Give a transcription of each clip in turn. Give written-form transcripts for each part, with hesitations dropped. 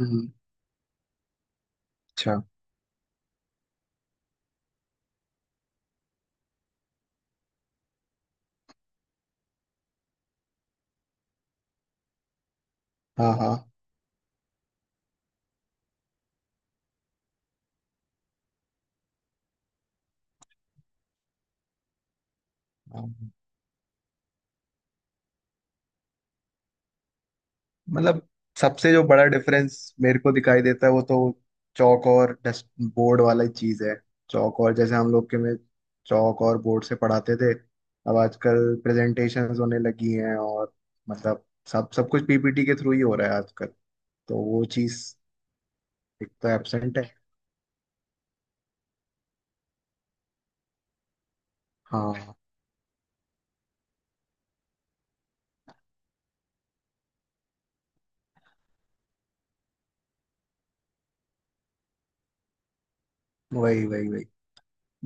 हम्म। अच्छा। हाँ, हाँ, हाँ। मतलब सबसे जो बड़ा डिफरेंस मेरे को दिखाई देता है वो तो चौक और डस्ट बोर्ड वाला चीज है। चौक और जैसे हम लोग के में चौक और बोर्ड से पढ़ाते थे। अब आजकल प्रेजेंटेशंस होने लगी हैं और मतलब सब सब कुछ पीपीटी के थ्रू ही हो रहा है आजकल। तो वो चीज एक तो एब्सेंट है। हाँ, वही, वही, वही।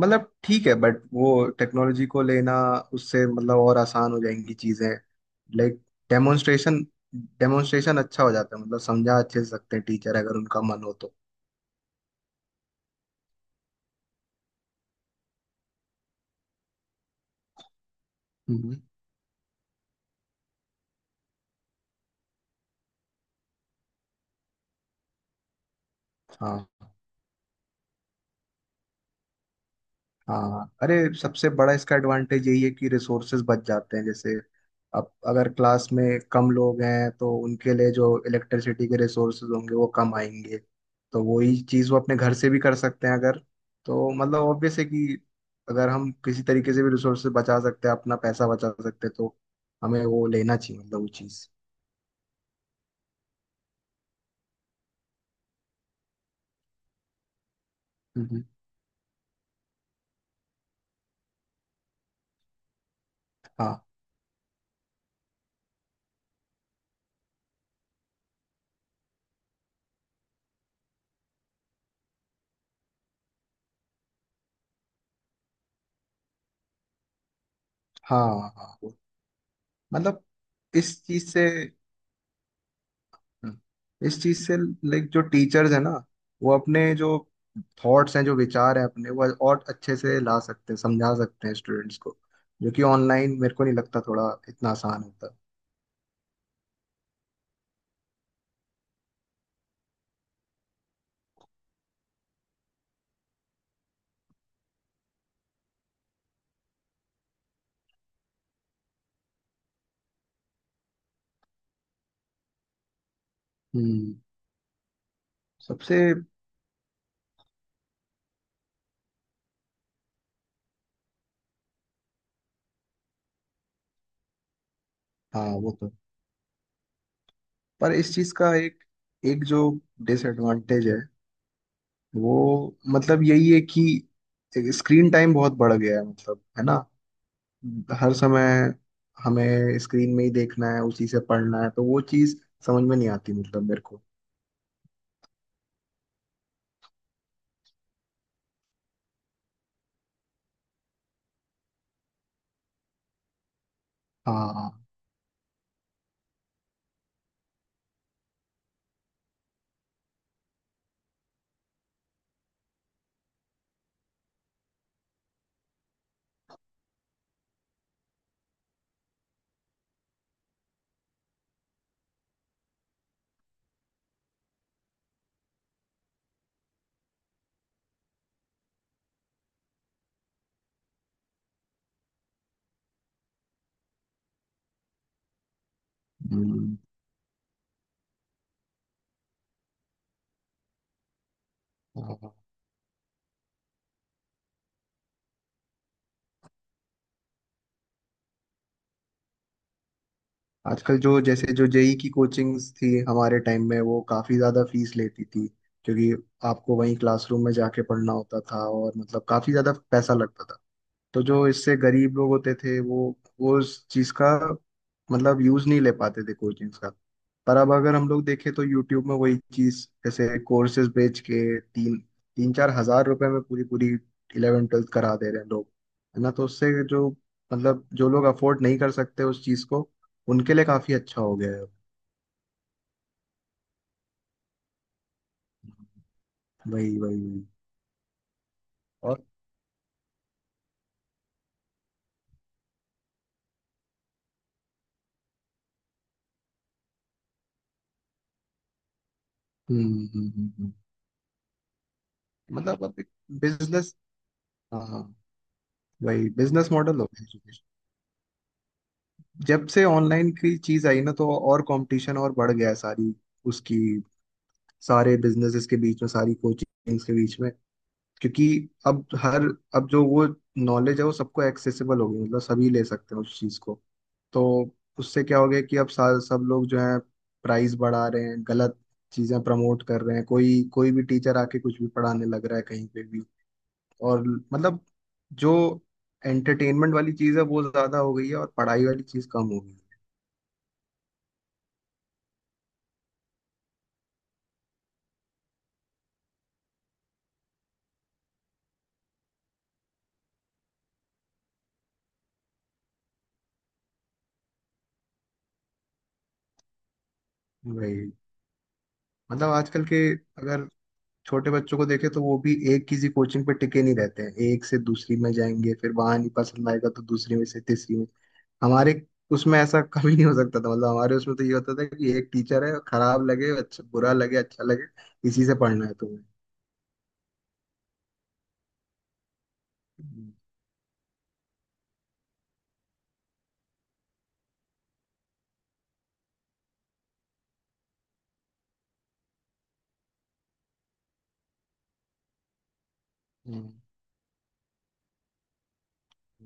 मतलब ठीक है बट वो टेक्नोलॉजी को लेना, उससे मतलब और आसान हो जाएंगी चीजें। लाइक डेमोन्स्ट्रेशन डेमोन्स्ट्रेशन अच्छा हो जाता है, मतलब समझा अच्छे से सकते हैं टीचर अगर उनका मन हो तो। हम्म। हाँ, हाँ, अरे सबसे बड़ा इसका एडवांटेज यही है कि रिसोर्सेज बच जाते हैं। जैसे अब अगर क्लास में कम लोग हैं तो उनके लिए जो इलेक्ट्रिसिटी के रिसोर्सेज होंगे वो कम आएंगे। तो वही चीज़ वो अपने घर से भी कर सकते हैं अगर। तो मतलब ऑब्वियस है कि अगर हम किसी तरीके से भी रिसोर्सेज बचा सकते हैं, अपना पैसा बचा सकते हैं तो हमें वो लेना चाहिए मतलब वो चीज़। हम्म। हाँ, हाँ। हाँ मतलब इस चीज़ से। हम्म। इस चीज से लाइक जो टीचर्स है ना वो अपने जो थॉट्स हैं, जो विचार हैं अपने, वो और अच्छे से ला सकते हैं, समझा सकते हैं स्टूडेंट्स को, जो कि ऑनलाइन मेरे को नहीं लगता थोड़ा इतना आसान होता। हम्म। सबसे, हाँ वो तो। पर इस चीज का एक, एक जो डिसएडवांटेज है वो मतलब यही है कि स्क्रीन टाइम बहुत बढ़ गया है, मतलब है ना। हर समय हमें स्क्रीन में ही देखना है, उसी से पढ़ना है, तो वो चीज समझ में नहीं आती मतलब मेरे को। हाँ। हम्म। हाँ। आजकल जो जैसे जो जेई की कोचिंग्स थी हमारे टाइम में वो काफी ज्यादा फीस लेती थी, क्योंकि आपको वहीं क्लासरूम में जाके पढ़ना होता था और मतलब काफी ज्यादा पैसा लगता था। तो जो इससे गरीब लोग होते थे वो उस चीज का मतलब यूज नहीं ले पाते थे कोचिंग्स का। पर अब अगर हम लोग देखें तो यूट्यूब में वही चीज जैसे कोर्सेज बेच के तीन 3-4 हज़ार रुपए में पूरी पूरी 11th-12th करा दे रहे हैं लोग, है ना? तो उससे जो मतलब जो लोग अफोर्ड नहीं कर सकते उस चीज को, उनके लिए काफी अच्छा हो गया है। वही, वही, वही। और हम्म, हम्म, हम्म, मतलब अब बिजनेस। हाँ, हाँ, वही बिजनेस मॉडल हो गया। जब से ऑनलाइन की चीज आई ना तो और कंपटीशन और बढ़ गया है, सारी, उसकी, सारे बिजनेसेस के बीच में, सारी कोचिंग्स के बीच में, क्योंकि अब हर, अब जो वो नॉलेज है वो सबको एक्सेसिबल हो गई, मतलब सभी ले सकते हैं उस चीज को। तो उससे क्या हो गया कि अब सब लोग जो है प्राइस बढ़ा रहे हैं, गलत चीजें प्रमोट कर रहे हैं, कोई कोई भी टीचर आके कुछ भी पढ़ाने लग रहा है कहीं पे भी। और मतलब जो एंटरटेनमेंट वाली चीज है वो ज्यादा हो गई है और पढ़ाई वाली चीज कम हो गई है भाई। मतलब आजकल के, अगर छोटे बच्चों को देखे तो वो भी एक किसी कोचिंग पे टिके नहीं रहते हैं, एक से दूसरी में जाएंगे, फिर वहां नहीं पसंद आएगा तो दूसरी में से तीसरी में। हमारे उसमें ऐसा कभी नहीं हो सकता था, मतलब हमारे उसमें तो ये होता था कि एक टीचर है, खराब लगे, अच्छा बुरा लगे, अच्छा लगे, इसी से पढ़ना है तुम्हें। हम्म। हम्म।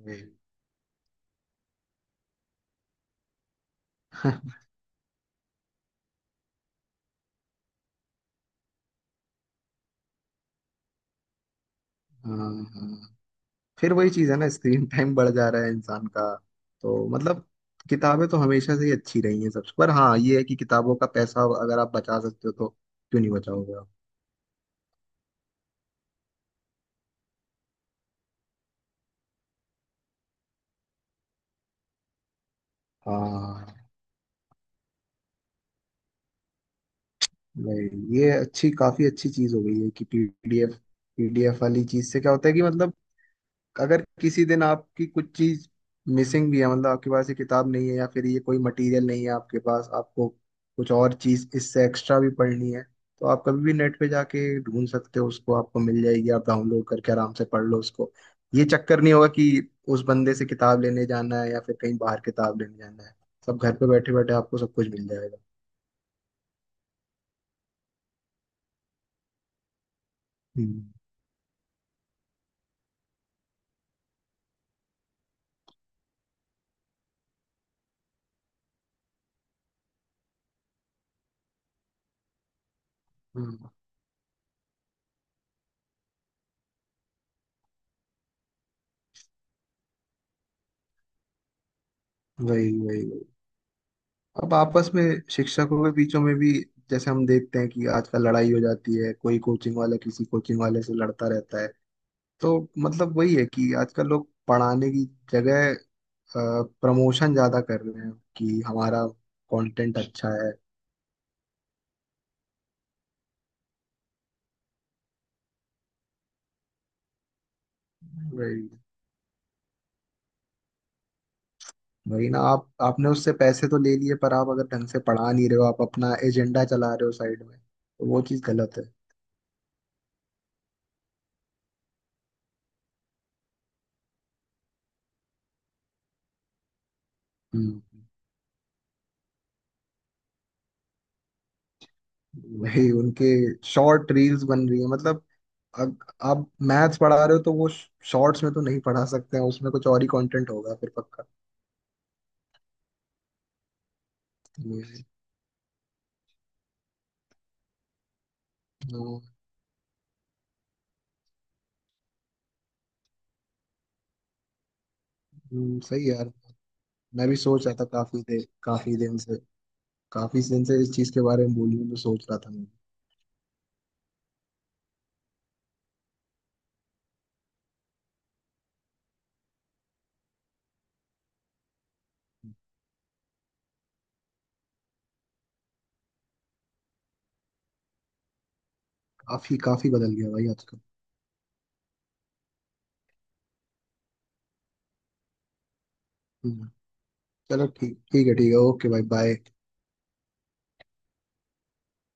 वही। हाँ, हाँ, फिर वही चीज है ना, स्क्रीन टाइम बढ़ जा रहा है इंसान का। तो मतलब किताबें तो हमेशा से ही अच्छी रही हैं सबसे, पर हाँ, ये है कि किताबों का पैसा अगर आप बचा सकते हो तो क्यों नहीं बचाओगे आप। हाँ, नहीं ये अच्छी, काफी अच्छी चीज हो गई है कि पीडीएफ पीडीएफ वाली चीज से क्या होता है कि मतलब अगर किसी दिन आपकी कुछ चीज मिसिंग भी है, मतलब आपके पास ये किताब नहीं है या फिर ये कोई मटेरियल नहीं है आपके पास, आपको कुछ और चीज इससे एक्स्ट्रा भी पढ़नी है, तो आप कभी भी नेट पे जाके ढूंढ सकते हो उसको, आपको मिल जाएगी, आप डाउनलोड करके आराम से पढ़ लो उसको। ये चक्कर नहीं होगा कि उस बंदे से किताब लेने जाना है या फिर कहीं बाहर किताब लेने जाना है। सब घर पे बैठे बैठे आपको सब कुछ मिल जाएगा। हम्म। हम्म। वही, वही, वही। अब आपस में शिक्षकों के बीचों में भी जैसे हम देखते हैं कि आजकल लड़ाई हो जाती है, कोई कोचिंग वाला किसी कोचिंग वाले से लड़ता रहता है। तो मतलब वही है कि आजकल लोग पढ़ाने की जगह प्रमोशन ज्यादा कर रहे हैं कि हमारा कंटेंट अच्छा है। वही, वही ना। आप आपने उससे पैसे तो ले लिए, पर आप अगर ढंग से पढ़ा नहीं रहे हो, आप अपना एजेंडा चला रहे हो साइड में, तो वो चीज गलत है। हम्म। वही उनके शॉर्ट रील्स बन रही है, मतलब अग, आप मैथ्स पढ़ा रहे हो तो वो शॉर्ट्स में तो नहीं पढ़ा सकते हैं, उसमें कुछ और ही कंटेंट होगा फिर पक्का। हम्म। हम्म। सही है यार। मैं भी सोच रहा था काफी देर, काफी दिन से इस चीज के बारे में बोलने में सोच रहा था मैं। काफी काफी बदल गया भाई आजकल। हम्म। चलो ठीक, ठीक है, ठीक है, ओके भाई, बाय।